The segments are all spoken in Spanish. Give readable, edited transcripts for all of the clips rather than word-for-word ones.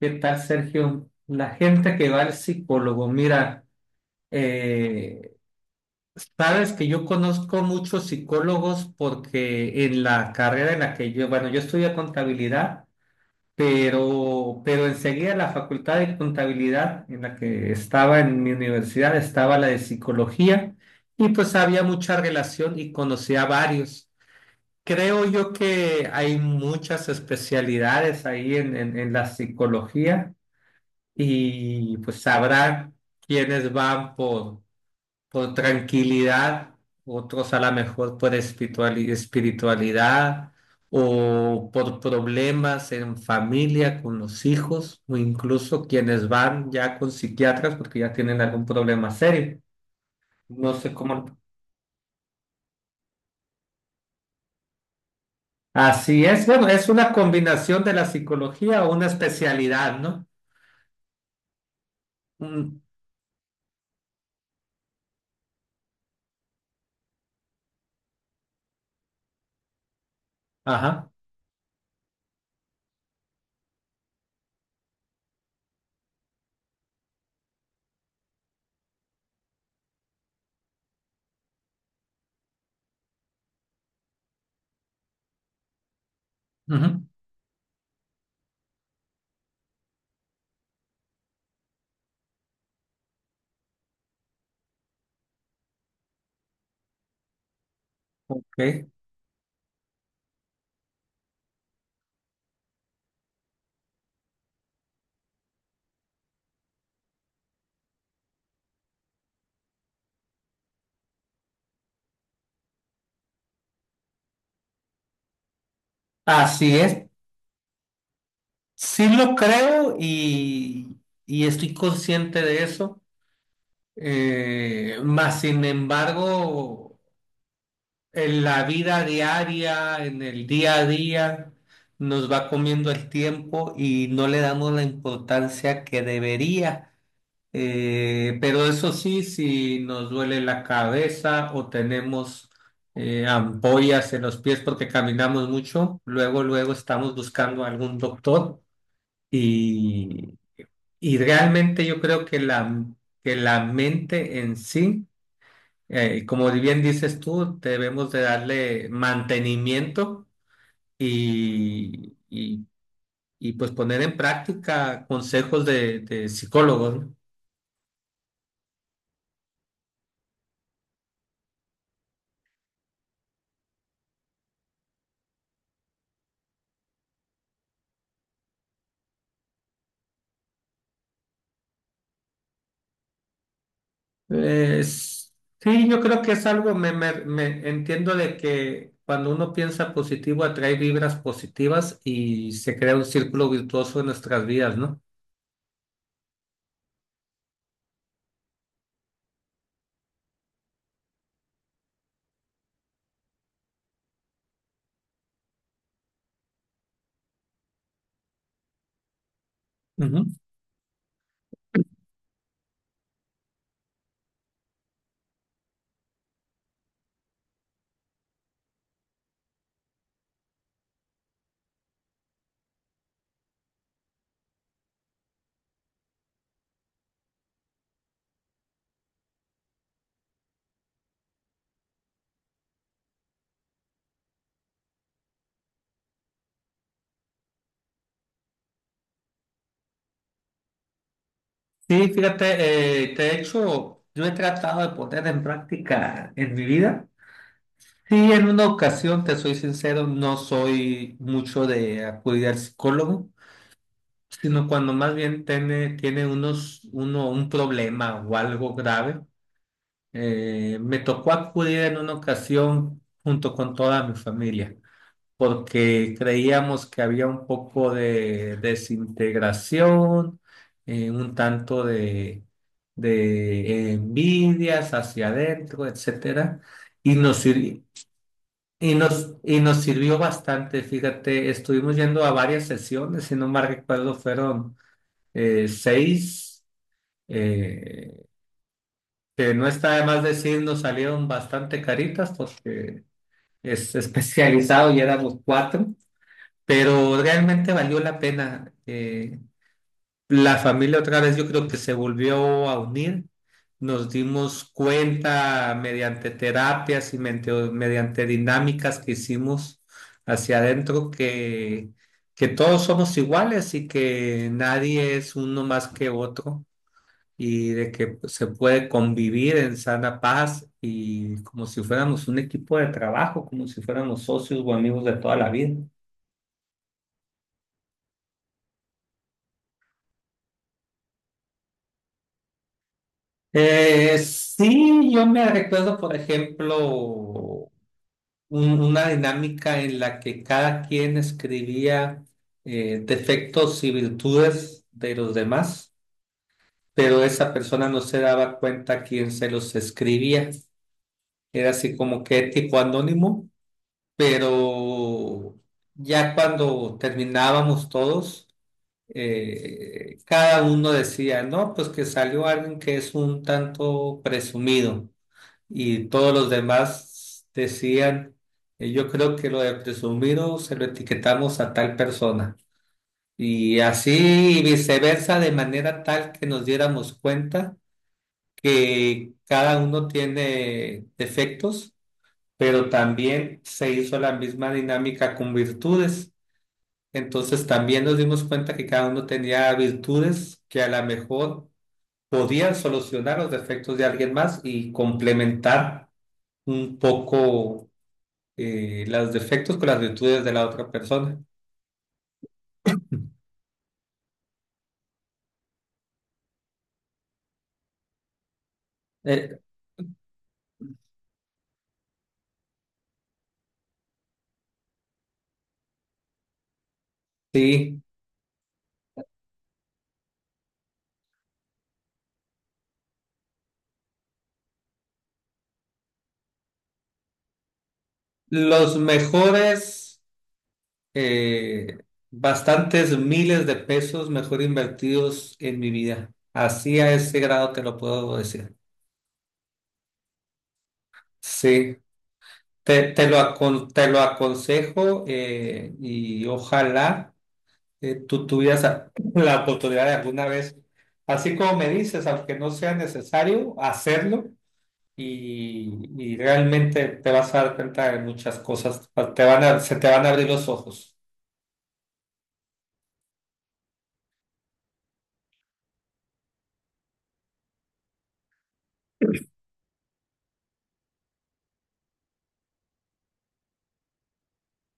¿Qué tal, Sergio? La gente que va al psicólogo, mira, eh, sabes que yo conozco muchos psicólogos porque en la carrera en la que bueno, yo estudié contabilidad, pero enseguida la facultad de contabilidad en la que estaba en mi universidad estaba la de psicología y pues había mucha relación y conocía a varios. Creo yo que hay muchas especialidades ahí en la psicología y pues sabrá quienes van por tranquilidad, otros a lo mejor por espiritualidad o por problemas en familia con los hijos o incluso quienes van ya con psiquiatras porque ya tienen algún problema serio. No sé cómo. Así es, bueno, es una combinación de la psicología o una especialidad, ¿no? Mm. Ajá. Ujú. Ok. Así es. Sí lo creo, y estoy consciente de eso, más sin embargo, en la vida diaria, en el día a día, nos va comiendo el tiempo y no le damos la importancia que debería. Pero eso sí, si nos duele la cabeza o tenemos ampollas en los pies porque caminamos mucho, luego, luego estamos buscando algún doctor. Y, y realmente yo creo que la mente en sí, como bien dices tú, debemos de darle mantenimiento y, y, y pues poner en práctica consejos de psicólogos, ¿no? Es- sí, yo creo que es algo, me entiendo de que cuando uno piensa positivo atrae vibras positivas y se crea un círculo virtuoso en nuestras vidas, ¿no? Ujú. Sí, fíjate, de hecho, yo he tratado de poner en práctica en mi vida. Sí, en una ocasión, te soy sincero, no soy mucho de acudir al psicólogo, sino cuando más bien tiene un problema o algo grave. Me tocó acudir en una ocasión junto con toda mi familia, porque creíamos que había un poco de desintegración, un tanto de envidias hacia adentro, etcétera, y nos sirvi- y nos sirvió bastante, fíjate, estuvimos yendo a varias sesiones, si no mal recuerdo, fueron seis, eh, que no está de más decir, nos salieron bastante caritas porque es especializado y éramos cuatro. Pero realmente valió la pena. La familia otra vez yo creo que se volvió a unir. Nos dimos cuenta mediante terapias y mediante dinámicas que hicimos hacia adentro que todos somos iguales y que nadie es uno más que otro y de que se puede convivir en sana paz y como si fuéramos un equipo de trabajo, como si fuéramos socios o amigos de toda la vida. Sí, yo me recuerdo, por ejemplo, una dinámica en la que cada quien escribía defectos y virtudes de los demás, pero esa persona no se daba cuenta quién se los escribía. Era así como que tipo anónimo, pero ya cuando terminábamos todos, cada uno decía, no, pues que salió alguien que es un tanto presumido. Y todos los demás decían, yo creo que lo de presumido se lo etiquetamos a tal persona. Y así y viceversa, de manera tal que nos diéramos cuenta que cada uno tiene defectos, pero también se hizo la misma dinámica con virtudes. Entonces también nos dimos cuenta que cada uno tenía virtudes que a lo mejor podían solucionar los defectos de alguien más y complementar un poco los defectos con las virtudes de la otra persona. Eh, sí, los mejores, eh, bastantes miles de pesos mejor invertidos en mi vida. Así a ese grado te lo puedo decir. Sí, te lo aconsejo, y ojalá tú tuvieras la oportunidad de alguna vez, así como me dices, aunque no sea necesario hacerlo y realmente te vas a dar cuenta de muchas cosas, se te van a abrir los ojos.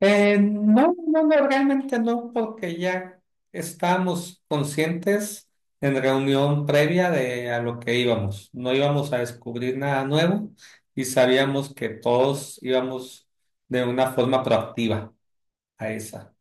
No, no, no, realmente no, porque ya estábamos conscientes en reunión previa de a lo que íbamos. No íbamos a descubrir nada nuevo y sabíamos que todos íbamos de una forma proactiva a esa.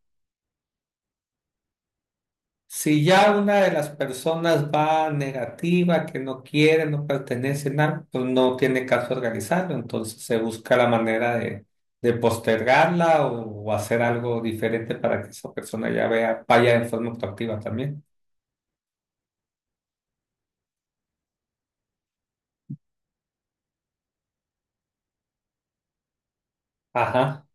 Si ya una de las personas va negativa, que no quiere, no pertenece, nada, pues no tiene caso organizarlo, entonces se busca la manera de postergarla o hacer algo diferente para que esa persona ya vea, vaya en forma proactiva también. Ajá.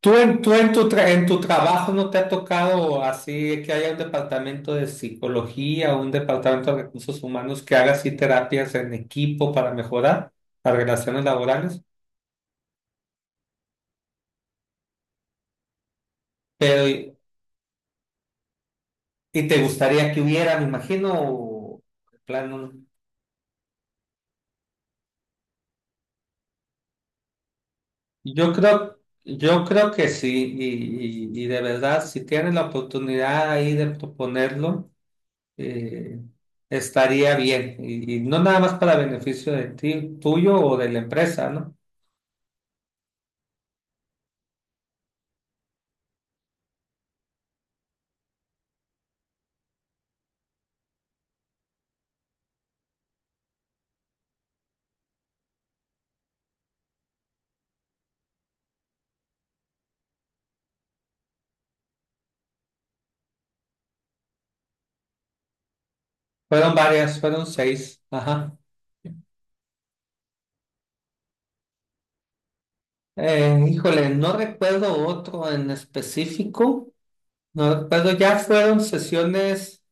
¿Tú en, tú en tu, tra- en tu trabajo no te ha tocado así que haya un departamento de psicología o un departamento de recursos humanos que haga así terapias en equipo para mejorar las relaciones laborales? Pero ¿y te gustaría que hubiera, me imagino, en plan, no? Yo creo, yo creo que sí, y, y de verdad, si tienes la oportunidad ahí de proponerlo, eh, estaría bien. Y no nada más para beneficio de ti, tuyo o de la empresa, ¿no? Fueron varias, fueron seis. Ajá. Híjole, no recuerdo otro en específico. No recuerdo, ya fueron sesiones.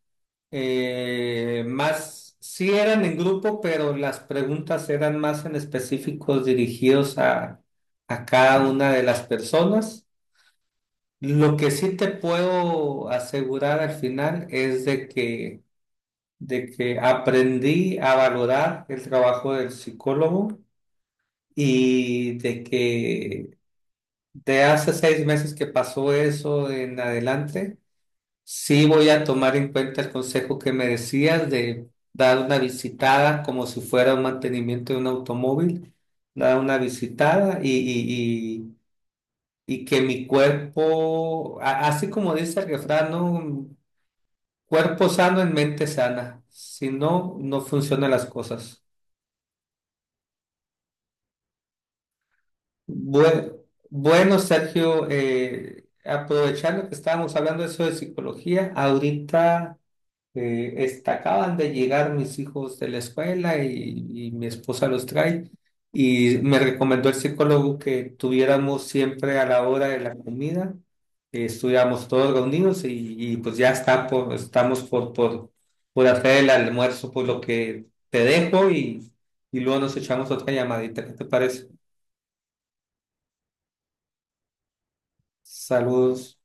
Más, sí eran en grupo, pero las preguntas eran más en específicos dirigidos a cada una de las personas. Lo que sí te puedo asegurar al final es de que aprendí a valorar el trabajo del psicólogo y de que de hace 6 meses que pasó eso en adelante. Sí, voy a tomar en cuenta el consejo que me decías de dar una visitada como si fuera un mantenimiento de un automóvil, dar una visitada y, y que mi cuerpo, así como dice el refrán, ¿no? Cuerpo sano en mente sana, si no, no funcionan las cosas. Bue- Bueno, Sergio, aprovechando que estábamos hablando de eso de psicología, ahorita... Acaban de llegar mis hijos de la escuela y mi esposa los trae y me recomendó el psicólogo que tuviéramos siempre a la hora de la comida, estuviéramos todos reunidos y pues ya estamos por hacer el almuerzo, por lo que te dejo y luego nos echamos otra llamadita. ¿Qué te parece? Saludos.